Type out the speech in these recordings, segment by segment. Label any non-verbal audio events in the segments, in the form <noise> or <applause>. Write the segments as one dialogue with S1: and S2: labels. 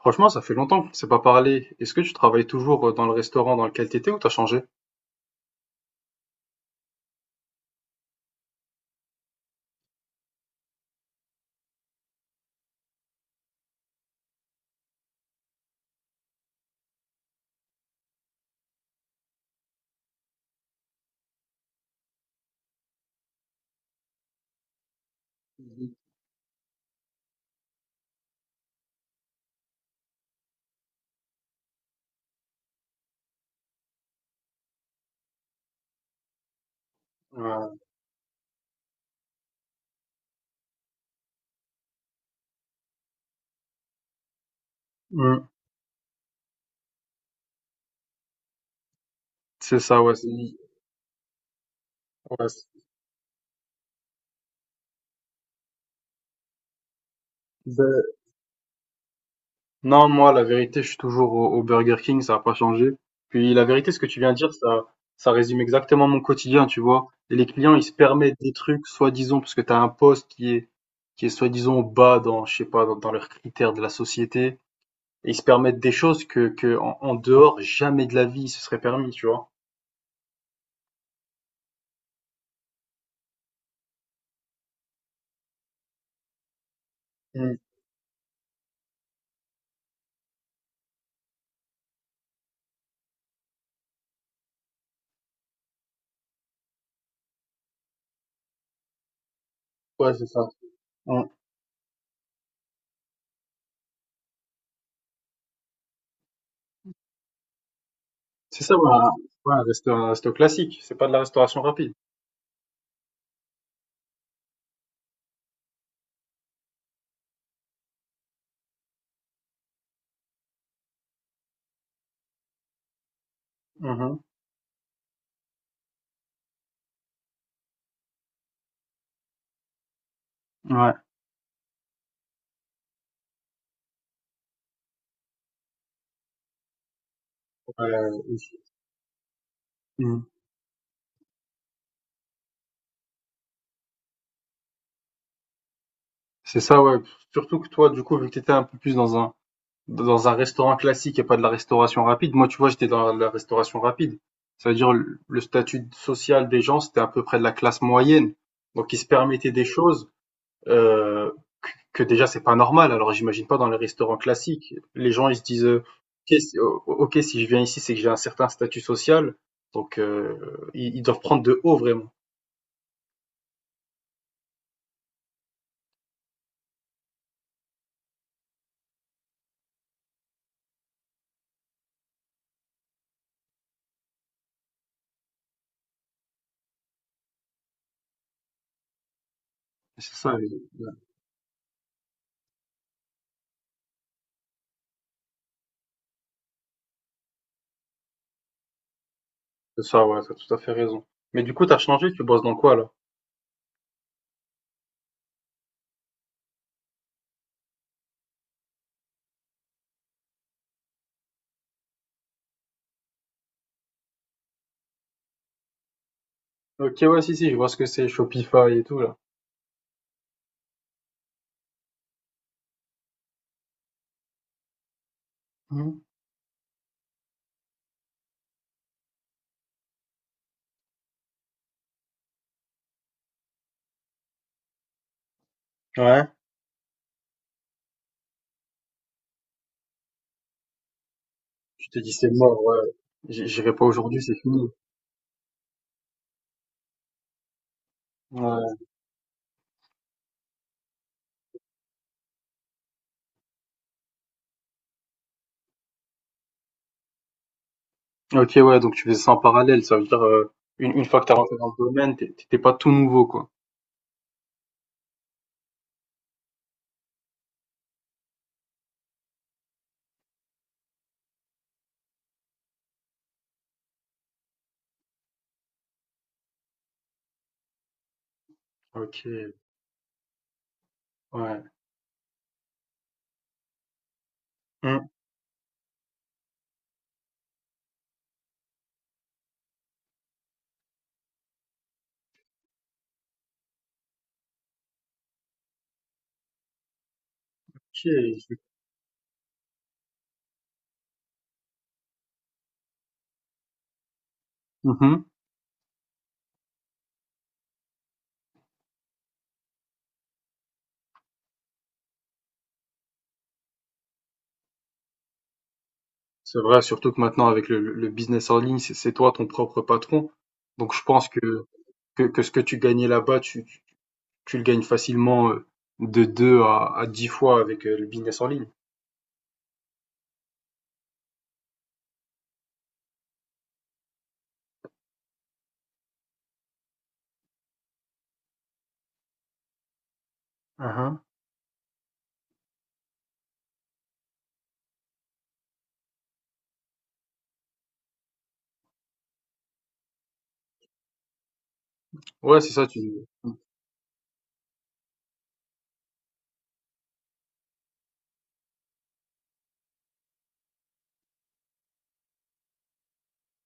S1: Franchement, ça fait longtemps qu'on ne s'est pas parlé. Est-ce que tu travailles toujours dans le restaurant dans lequel tu étais ou t'as changé? Mhm. Ouais. Mm. C'est ça, ouais. C'est- Ben, non, moi, la vérité, je suis toujours au Burger King, ça n'a pas changé. Puis la vérité, ce que tu viens de dire, ça résume exactement mon quotidien, tu vois. Et les clients, ils se permettent des trucs, soi-disant, parce que tu as un poste qui est soi-disant bas dans, je sais pas, dans leurs critères de la société. Et ils se permettent des choses que en dehors, jamais de la vie, ils se seraient permis, tu vois. Mm. Ouais, c'est ça. C'est ça, ouais, un, ouais, un resto classique, c'est pas de la restauration rapide. Mhm. Ouais. Euh, mhm. C'est ça, ouais. Surtout que toi, du coup, vu que t'étais un peu plus dans dans un restaurant classique et pas de la restauration rapide, moi, tu vois, j'étais dans la restauration rapide. Ça veut dire le statut social des gens, c'était à peu près de la classe moyenne. Donc, ils se permettaient des choses euh, que déjà c'est pas normal. Alors j'imagine pas dans les restaurants classiques. Les gens ils se disent ok, ok, si je viens ici c'est que j'ai un certain statut social, donc ils doivent prendre de haut vraiment. C'est ça, euh, c'est ça, ouais, t'as tout à fait raison. Mais du coup t'as changé, tu bosses dans quoi là? Ok, ouais, si si, je vois ce que c'est, Shopify et tout là. Mhm. Ouais. Tu t'es dit c'est mort, ouais. J- J'irai pas aujourd'hui, c'est fini. Ouais. Ok, ouais, donc tu faisais ça en parallèle, ça veut dire une fois que t'as rentré dans le domaine, t'étais pas tout nouveau quoi. Ok. Ouais. Mmh. OK. Mmh. C'est vrai, surtout que maintenant avec le business en ligne, c'est toi ton propre patron. Donc je pense que ce que tu gagnais là-bas, tu le gagnes facilement, de 2 à 10 fois avec, le business en ligne. Mmh. Ouais, c'est ça, mmh,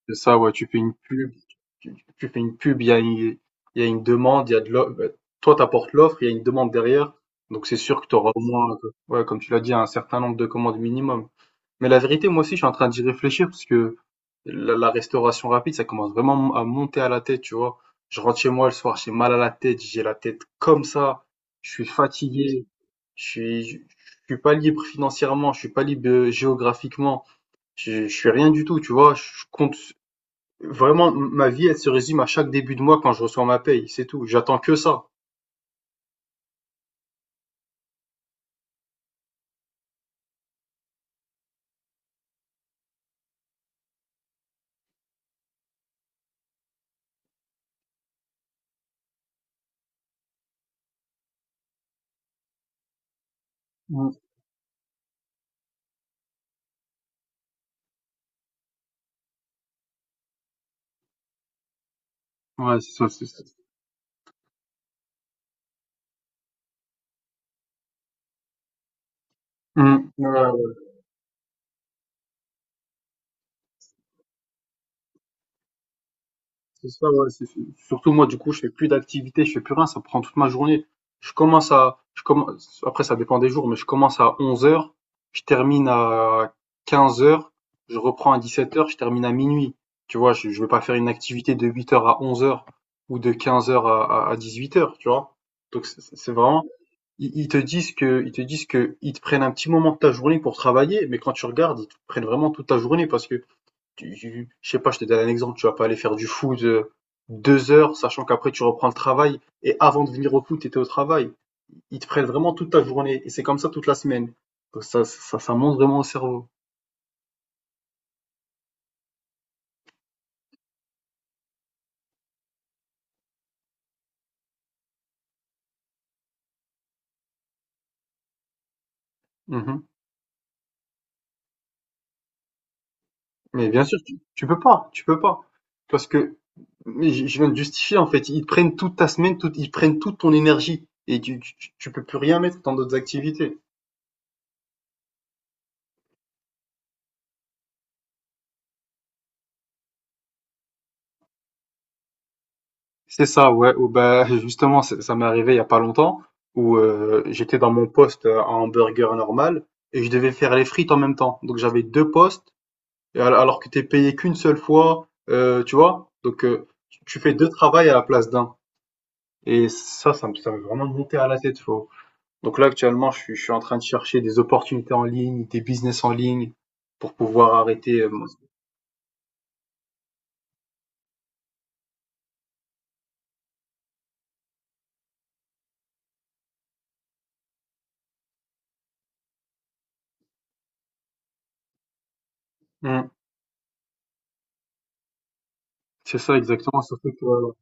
S1: c'est ça, ouais, tu fais une pub, tu tu fais une pub, il y a une demande, il y a de l'off bah, toi t'apportes l'offre, il y a une demande derrière, donc c'est sûr que tu auras au moins, ouais, comme tu l'as dit, un certain nombre de commandes minimum. Mais la vérité, moi aussi, je suis en train d'y réfléchir parce que la restauration rapide, ça commence vraiment à monter à la tête, tu vois. Je rentre chez moi le soir, j'ai mal à la tête, j'ai la tête comme ça, je suis fatigué, je suis, je je suis pas libre financièrement, je suis pas libre géographiquement, je suis rien du tout, tu vois. Je compte vraiment, ma vie, elle se résume à chaque début de mois quand je reçois ma paye, c'est tout. J'attends que ça. Mm. Ouais, c'est ça, c'est ça. Mm. Ouais. C'est ça, ouais, Surtout moi, du coup, je fais plus d'activité, je fais plus rien, ça prend toute ma journée. Je commence, après, ça dépend des jours, mais je commence à 11 heures, je termine à 15 heures, je reprends à 17 heures, je termine à minuit. Tu vois, je vais pas faire une activité de 8 heures à 11 heures ou de 15 heures à 18 heures, tu vois. Donc, c'est vraiment, ils te disent ils te prennent un petit moment de ta journée pour travailler, mais quand tu regardes, ils te prennent vraiment toute ta journée parce que je sais pas, je te donne un exemple, tu vas pas aller faire du foot deux heures, sachant qu'après tu reprends le travail, et avant de venir au foot, tu étais au travail. Ils te prennent vraiment toute ta journée, et c'est comme ça toute la semaine. Donc ça monte vraiment au cerveau. Mhm. Mais bien sûr, tu peux pas, tu peux pas. Parce que, mais je viens de justifier, en fait, ils te prennent toute ta semaine, toute, ils prennent toute ton énergie, et tu peux plus rien mettre dans d'autres activités. C'est ça, ouais, ou bah, <laughs> justement, ça m'est arrivé il y a pas longtemps où j'étais dans mon poste à hamburger normal et je devais faire les frites en même temps. Donc j'avais deux postes et alors que t'es payé qu'une seule fois, tu vois. Donc tu tu fais deux travails à la place d'un. Et ça me vraiment monté à la tête, faut. Donc là, actuellement, je suis en train de chercher des opportunités en ligne, des business en ligne pour pouvoir arrêter. Hmm, c'est ça exactement, surtout que...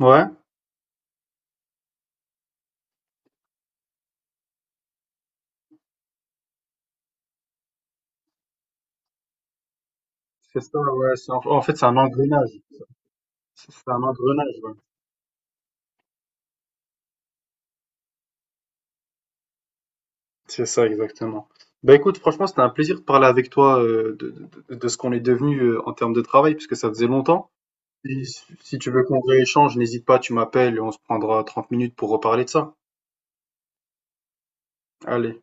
S1: Ouais, c'est ça, ouais. En en fait, c'est un engrenage. C'est un engrenage, ouais. C'est ça, exactement. Bah écoute, franchement, c'était un plaisir de parler avec toi de, de ce qu'on est devenu en termes de travail, puisque ça faisait longtemps. Et si tu veux qu'on rééchange, n'hésite pas, tu m'appelles et on se prendra 30 minutes pour reparler de ça. Allez.